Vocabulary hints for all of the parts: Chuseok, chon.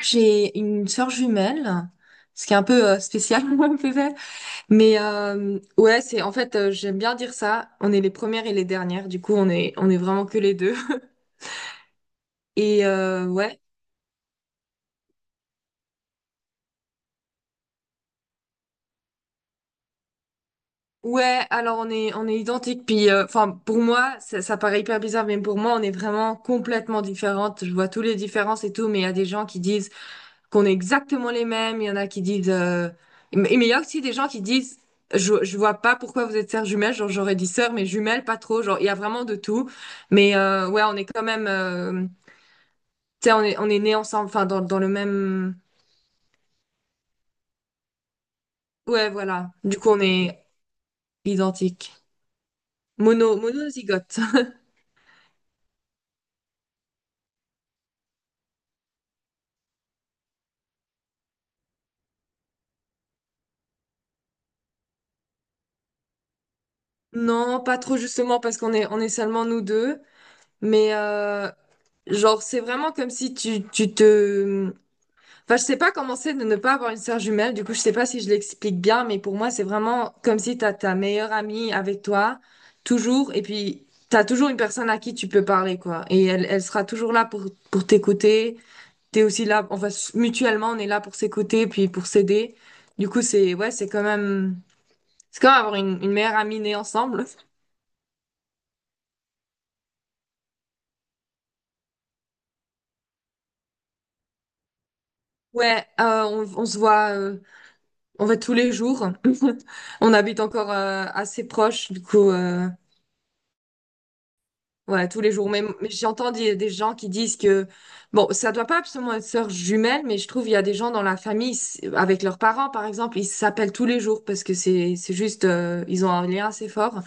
J'ai une sœur jumelle, ce qui est un peu spécial peut-être. Mais ouais, c'est en fait, j'aime bien dire ça. On est les premières et les dernières. Du coup, on est vraiment que les deux. Et ouais, ouais. Alors on est identiques. Puis enfin pour moi, ça paraît hyper bizarre, mais pour moi, on est vraiment complètement différentes. Je vois toutes les différences et tout. Mais il y a des gens qui disent qu'on est exactement les mêmes. Il y en a qui disent. Mais il y a aussi des gens qui disent je vois pas pourquoi vous êtes sœurs jumelles. Genre, j'aurais dit sœurs, mais jumelles, pas trop. Genre, il y a vraiment de tout. Mais ouais, on est quand même. Tu sais, on est nés ensemble, enfin, dans, dans le même. Ouais, voilà. Du coup, on est identiques. Monozygote. Non, pas trop justement parce qu'on est, on est seulement nous deux. Mais genre, c'est vraiment comme si tu, tu te, enfin, je sais pas comment c'est de ne pas avoir une sœur jumelle. Du coup, je sais pas si je l'explique bien, mais pour moi, c'est vraiment comme si t'as ta meilleure amie avec toi, toujours, et puis t'as toujours une personne à qui tu peux parler, quoi. Et elle, elle sera toujours là pour t'écouter. T'es aussi là, enfin, mutuellement, on est là pour s'écouter, puis pour s'aider. Du coup, c'est, ouais, c'est quand même avoir une meilleure amie née ensemble. Ouais, on se voit, on va tous les jours. On habite encore assez proche, du coup. Ouais, tous les jours. Mais j'entends des gens qui disent que, bon, ça doit pas absolument être sœur jumelle, mais je trouve il y a des gens dans la famille, avec leurs parents, par exemple, ils s'appellent tous les jours parce que c'est juste, ils ont un lien assez fort.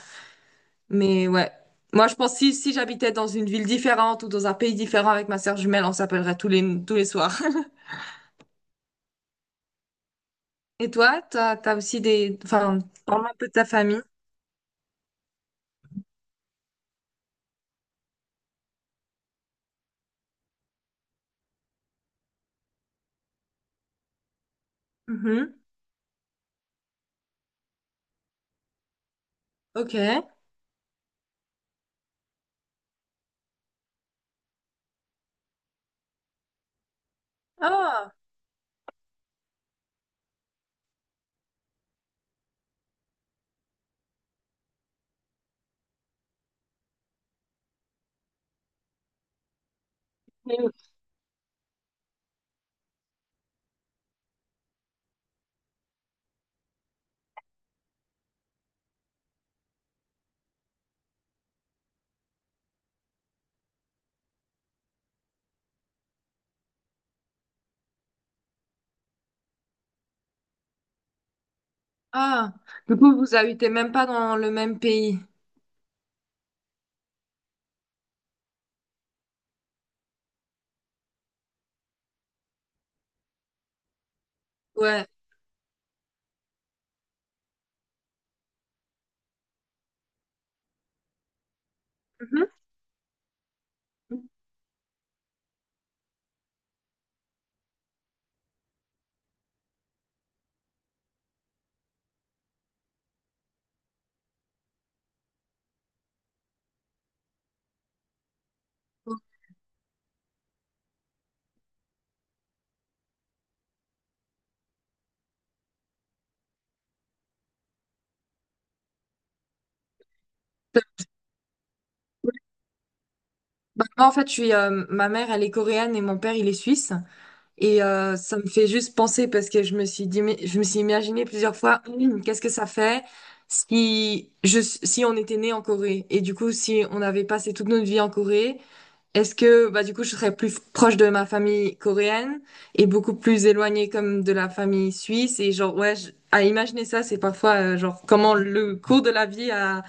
Mais ouais. Moi, je pense si, si j'habitais dans une ville différente ou dans un pays différent avec ma sœur jumelle, on s'appellerait tous les soirs. Et toi, t'as, t'as aussi des, enfin, parle un peu de ta famille. Mhm. Ok. Ah. Mais- Ah. Du coup, vous habitez même pas dans le même pays. Ouais. Mhm. Moi, en fait, je suis, ma mère, elle est coréenne et mon père, il est suisse. Et ça me fait juste penser parce que je me suis dit, mais- je me suis imaginé plusieurs fois, hum, qu'est-ce que ça fait si je, si on était né en Corée et du coup, si on avait passé toute notre vie en Corée, est-ce que, bah, du coup, je serais plus proche de ma famille coréenne et beaucoup plus éloignée comme de la famille suisse et genre, ouais, je- à imaginer ça, c'est parfois genre comment le cours de la vie a,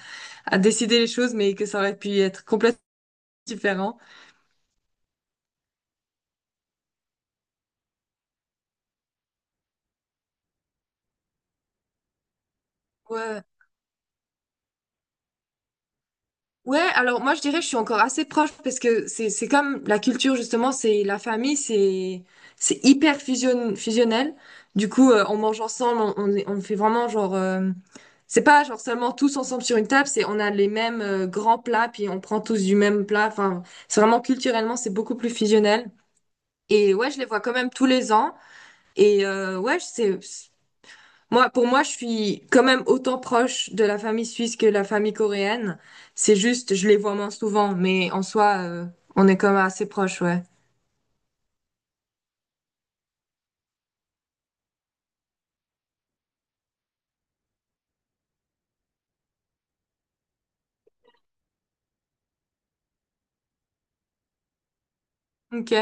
a décidé les choses, mais que ça aurait pu être complètement différent. Ouais. Ouais, ouais. Alors moi je dirais que je suis encore assez proche parce que c'est comme la culture justement, c'est la famille, c'est hyper fusionnel. Du coup, on mange ensemble, on, on fait vraiment genre c'est pas genre seulement tous ensemble sur une table, c'est on a les mêmes grands plats puis on prend tous du même plat. Enfin, c'est vraiment culturellement, c'est beaucoup plus fusionnel. Et ouais, je les vois quand même tous les ans et ouais, c'est moi, pour moi, je suis quand même autant proche de la famille suisse que la famille coréenne. C'est juste, je les vois moins souvent, mais en soi, on est quand même assez proches, ouais. Ok.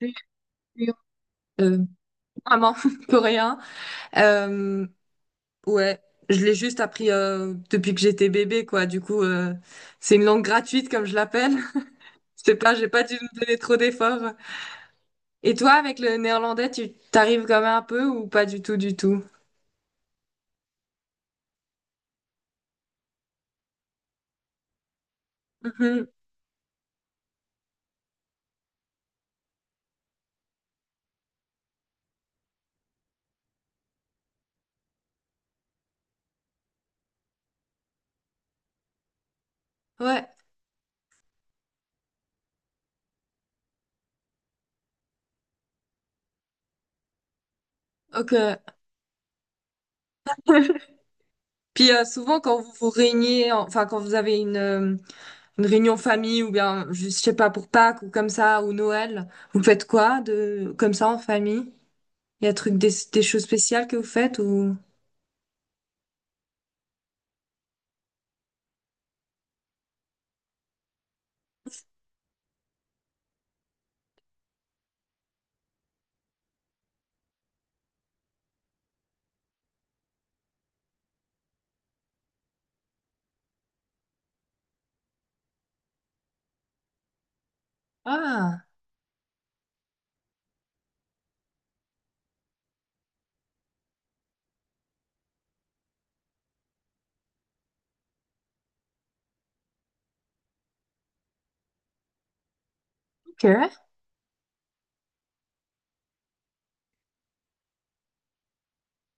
Puis- Euh, vraiment coréen. Euh, ouais, je l'ai juste appris depuis que j'étais bébé, quoi. Du coup, c'est une langue gratuite, comme je l'appelle. Je sais pas, j'ai pas dû me donner trop d'efforts. Et toi, avec le néerlandais, tu t'arrives quand même un peu ou pas du tout, du tout? Mhm. Ouais, ok. Puis souvent quand vous vous réuniez, enfin quand vous avez une réunion famille ou bien je sais pas pour Pâques ou comme ça ou Noël, vous faites quoi de comme ça en famille? Il y a truc des choses spéciales que vous faites ou ah, ok.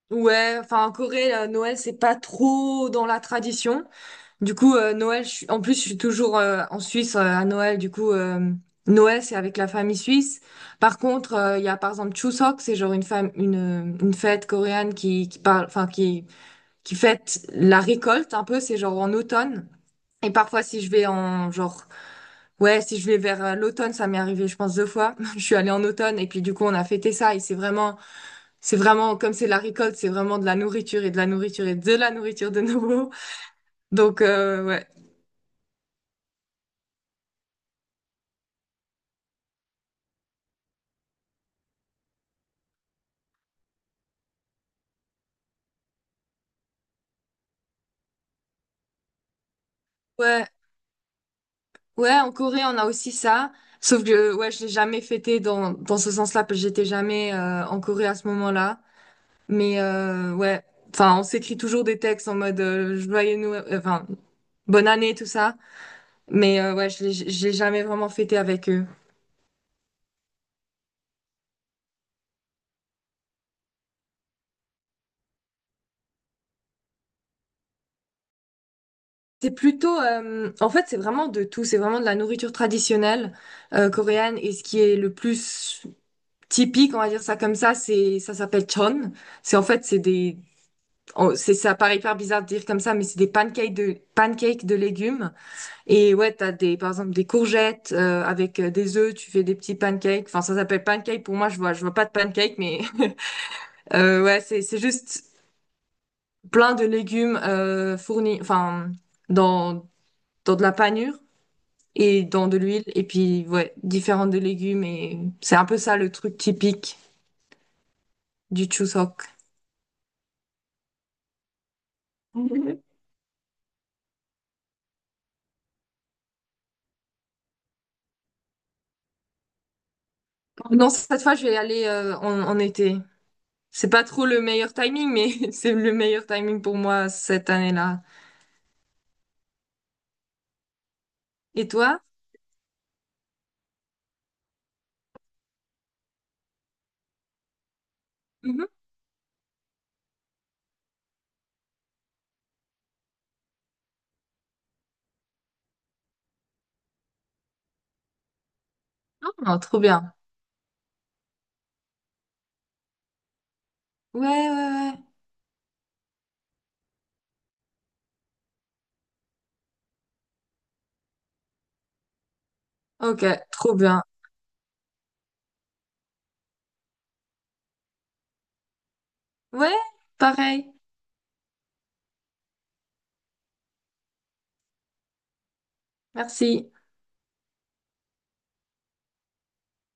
Ouais, enfin en Corée, Noël c'est pas trop dans la tradition. Du coup, Noël, je suis- en plus, je suis toujours en Suisse à Noël. Du coup, Noël, c'est avec la famille suisse. Par contre, il y a par exemple Chuseok, c'est genre une, une fête coréenne qui parle, enfin, qui fête la récolte un peu, c'est genre en automne. Et parfois, si je vais en genre, ouais, si je vais vers l'automne, ça m'est arrivé, je pense, deux fois. Je suis allée en automne et puis du coup, on a fêté ça et c'est vraiment, comme c'est la récolte, c'est vraiment de la nourriture et de la nourriture et de la nourriture de nouveau. Donc, ouais. Ouais, ouais, en Corée, on a aussi ça. Sauf que, ouais, je l'ai jamais fêté dans, dans ce sens-là, parce que j'étais jamais en Corée à ce moment-là. Mais ouais, enfin, on s'écrit toujours des textes en mode joyeux Noël, enfin, bonne année, tout ça. Mais ouais, je l'ai jamais vraiment fêté avec eux. C'est plutôt, en fait, c'est vraiment de tout. C'est vraiment de la nourriture traditionnelle coréenne. Et ce qui est le plus typique, on va dire ça comme ça, c'est ça s'appelle chon. C'est en fait, c'est des oh, c'est, ça paraît hyper bizarre de dire comme ça, mais c'est des pancakes de légumes. Et ouais, t'as des, par exemple, des courgettes, avec des œufs, tu fais des petits pancakes. Enfin, ça s'appelle pancake. Pour moi, je vois pas de pancake, mais, ouais, c'est juste plein de légumes, fournis, enfin, dans, dans de la panure et dans de l'huile. Et puis, ouais, différents de légumes. Et c'est un peu ça le truc typique du Chuseok. Non, cette fois, je vais y aller, en en été. C'est pas trop le meilleur timing, mais c'est le meilleur timing pour moi cette année-là. Et toi? Mhm. Ah, trop bien. Ouais, ouais, ouais. Ok, trop bien. Ouais, pareil. Merci.